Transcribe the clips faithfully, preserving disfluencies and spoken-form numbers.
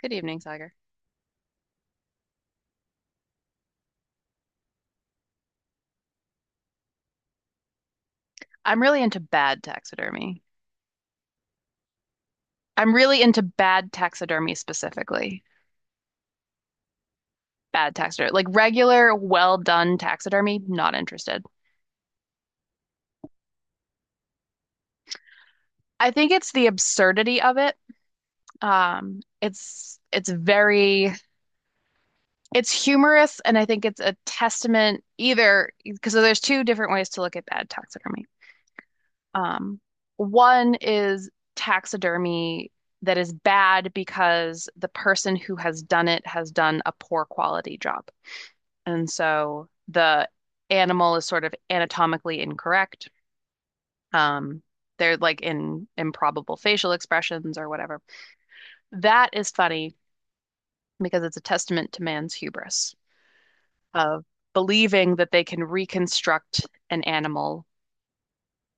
Good evening, Tiger. I'm really into bad taxidermy. I'm really into bad taxidermy specifically. Bad taxidermy, like regular, well done taxidermy, not interested. I think it's the absurdity of it. Um, it's it's very it's humorous, and I think it's a testament either because there's two different ways to look at bad taxidermy. Um, One is taxidermy that is bad because the person who has done it has done a poor quality job. And so the animal is sort of anatomically incorrect. Um, they're like in improbable facial expressions or whatever. That is funny because it's a testament to man's hubris of believing that they can reconstruct an animal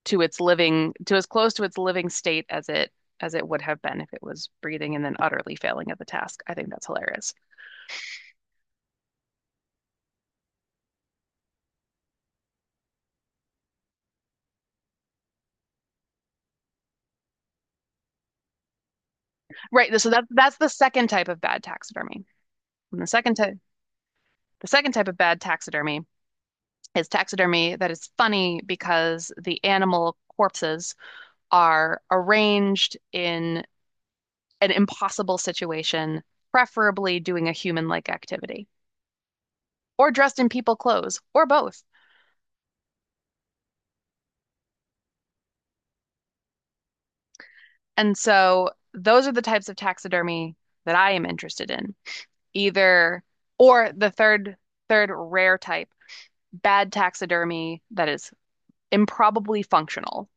to its living, to as close to its living state as it as it would have been if it was breathing and then utterly failing at the task. I think that's hilarious. Right. So that that's the second type of bad taxidermy. And the second type the second type of bad taxidermy is taxidermy that is funny because the animal corpses are arranged in an impossible situation, preferably doing a human-like activity, or dressed in people clothes, or both. And so those are the types of taxidermy that I am interested in. Either or the third third rare type, bad taxidermy that is improbably functional.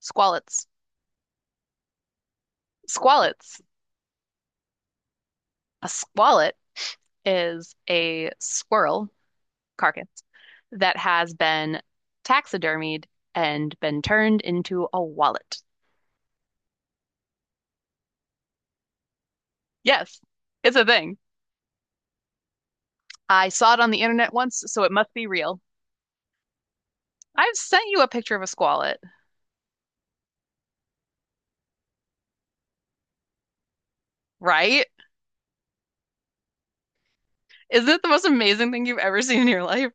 Squalets. Squalets. A squalet is a squirrel carcass that has been taxidermied and been turned into a wallet. Yes, it's a thing. I saw it on the internet once, so it must be real. I've sent you a picture of a squalet, right? Isn't it the most amazing thing you've ever seen in your life?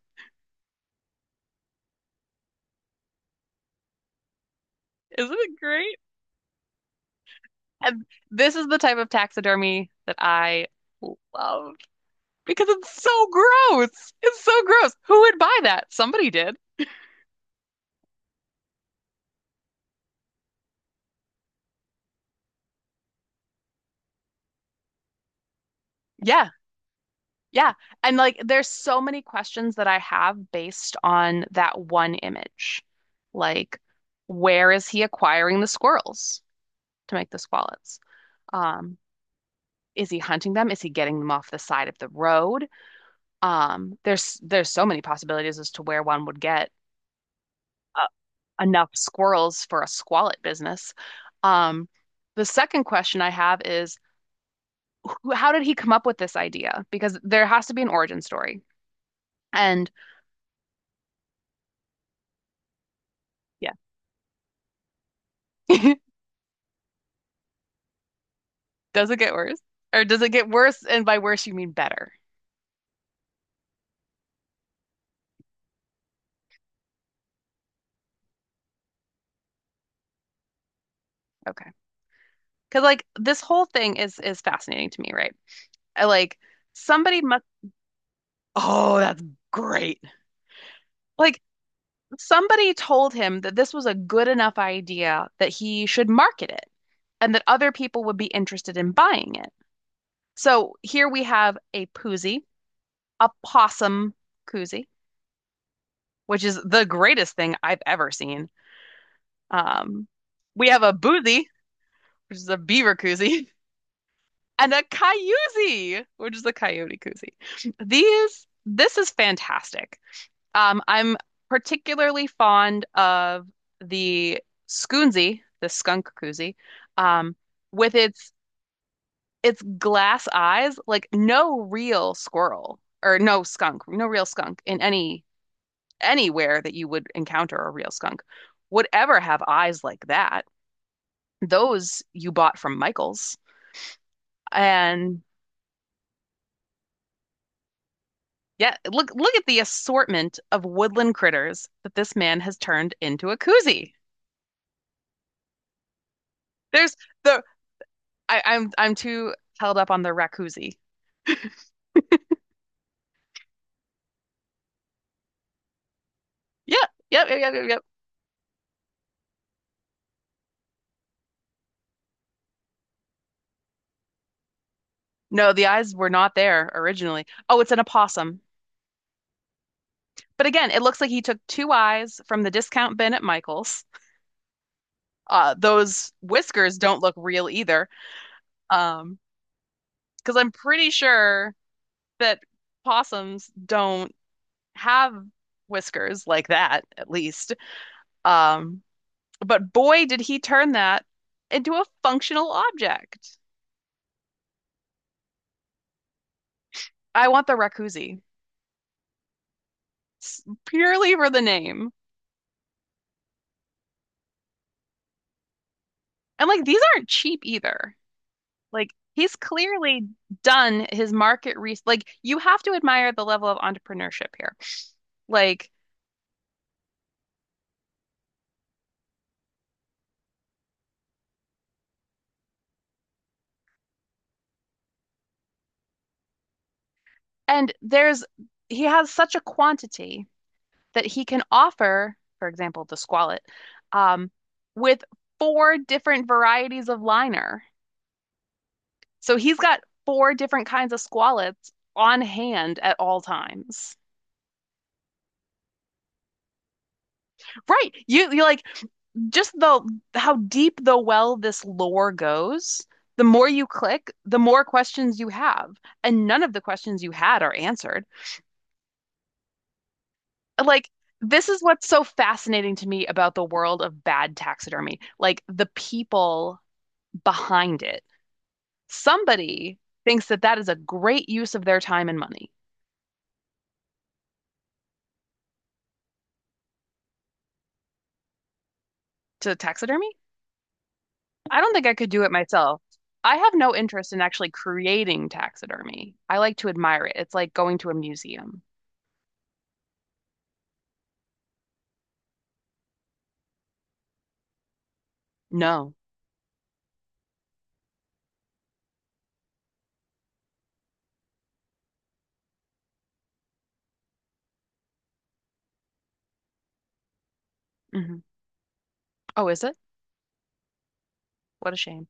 Isn't it great? And this is the type of taxidermy that I love because it's so gross. It's so gross. Who would buy that? Somebody did. Yeah. Yeah. And like there's so many questions that I have based on that one image. Like, where is he acquiring the squirrels to make the squallets? Um, is he hunting them? Is he getting them off the side of the road? Um, there's there's so many possibilities as to where one would get uh, enough squirrels for a squallet business. Um, the second question I have is, who- how did he come up with this idea? Because there has to be an origin story. And yeah. Does it get worse? Or does it get worse? And by worse, you mean better. Okay. Because like this whole thing is is fascinating to me, right? I like somebody must. Oh, that's great. Like somebody told him that this was a good enough idea that he should market it and that other people would be interested in buying it. So here we have a poozie, a possum koozie, which is the greatest thing I've ever seen. Um, we have a boozy, which is a beaver koozie. And a coyote, which is a coyote koozie. These, this is fantastic. Um, I'm particularly fond of the Skoonzie, the skunk koozie, um, with its its glass eyes. Like no real squirrel or no skunk, no real skunk in any anywhere that you would encounter a real skunk would ever have eyes like that. Those you bought from Michael's. And yeah, look look at the assortment of woodland critters that this man has turned into a koozie. There's the I, I'm I'm too held up on the raccoozie. Yeah, yep, yep, yep, yep, yep. No, the eyes were not there originally. Oh, it's an opossum. But again, it looks like he took two eyes from the discount bin at Michael's. Uh, those whiskers don't look real either. Um, because I'm pretty sure that possums don't have whiskers like that, at least. Um, But boy, did he turn that into a functional object. I want the Rakuzi s- purely for the name. And like these aren't cheap either. Like he's clearly done his market research. Like you have to admire the level of entrepreneurship here. Like and there's he has such a quantity that he can offer, for example, the squalet, um, with four different varieties of liner. So he's got four different kinds of squalets on hand at all times. Right. You you like just the how deep the well this lore goes, the more you click, the more questions you have, and none of the questions you had are answered. Like this is what's so fascinating to me about the world of bad taxidermy, like the people behind it. Somebody thinks that that is a great use of their time and money to taxidermy. I don't think I could do it myself. I have no interest in actually creating taxidermy. I like to admire it. It's like going to a museum. No. Hmm. Oh, is it? What a shame.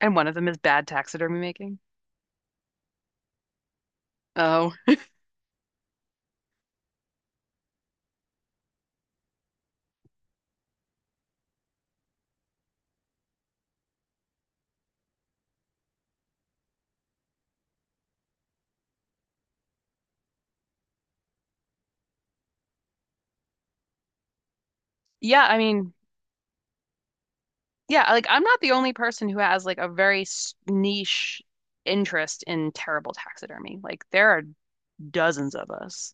And one of them is bad taxidermy making. Oh. Yeah, I mean, yeah, like I'm not the only person who has like a very s- niche interest in terrible taxidermy. Like there are dozens of us.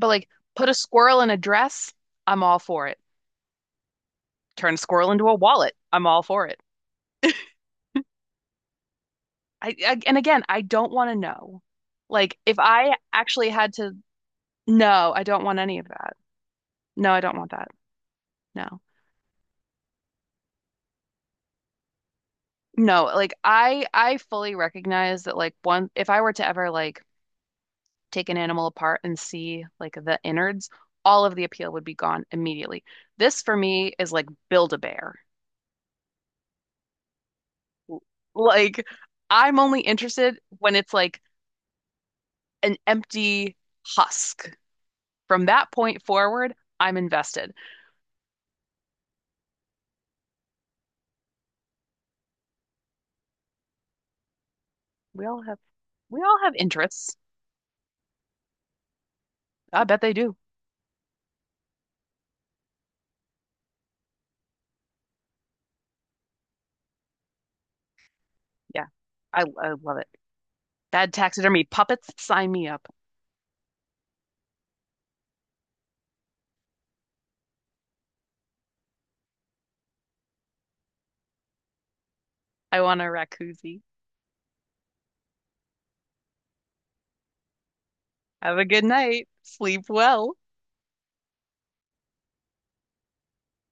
But like put a squirrel in a dress, I'm all for it. Turn a squirrel into a wallet, I'm all for it. I, I and again, I don't want to know. Like if I actually had to, no, I don't want any of that. No, I don't want that. No. No, like I I fully recognize that like one if I were to ever like take an animal apart and see like the innards, all of the appeal would be gone immediately. This for me is like build a bear. Like I'm only interested when it's like an empty husk. From that point forward, I'm invested. We all have we all have interests. I bet they do. Yeah. I, I love it. Bad taxidermy puppets, sign me up. I want a raccoozie. Have a good night. Sleep well.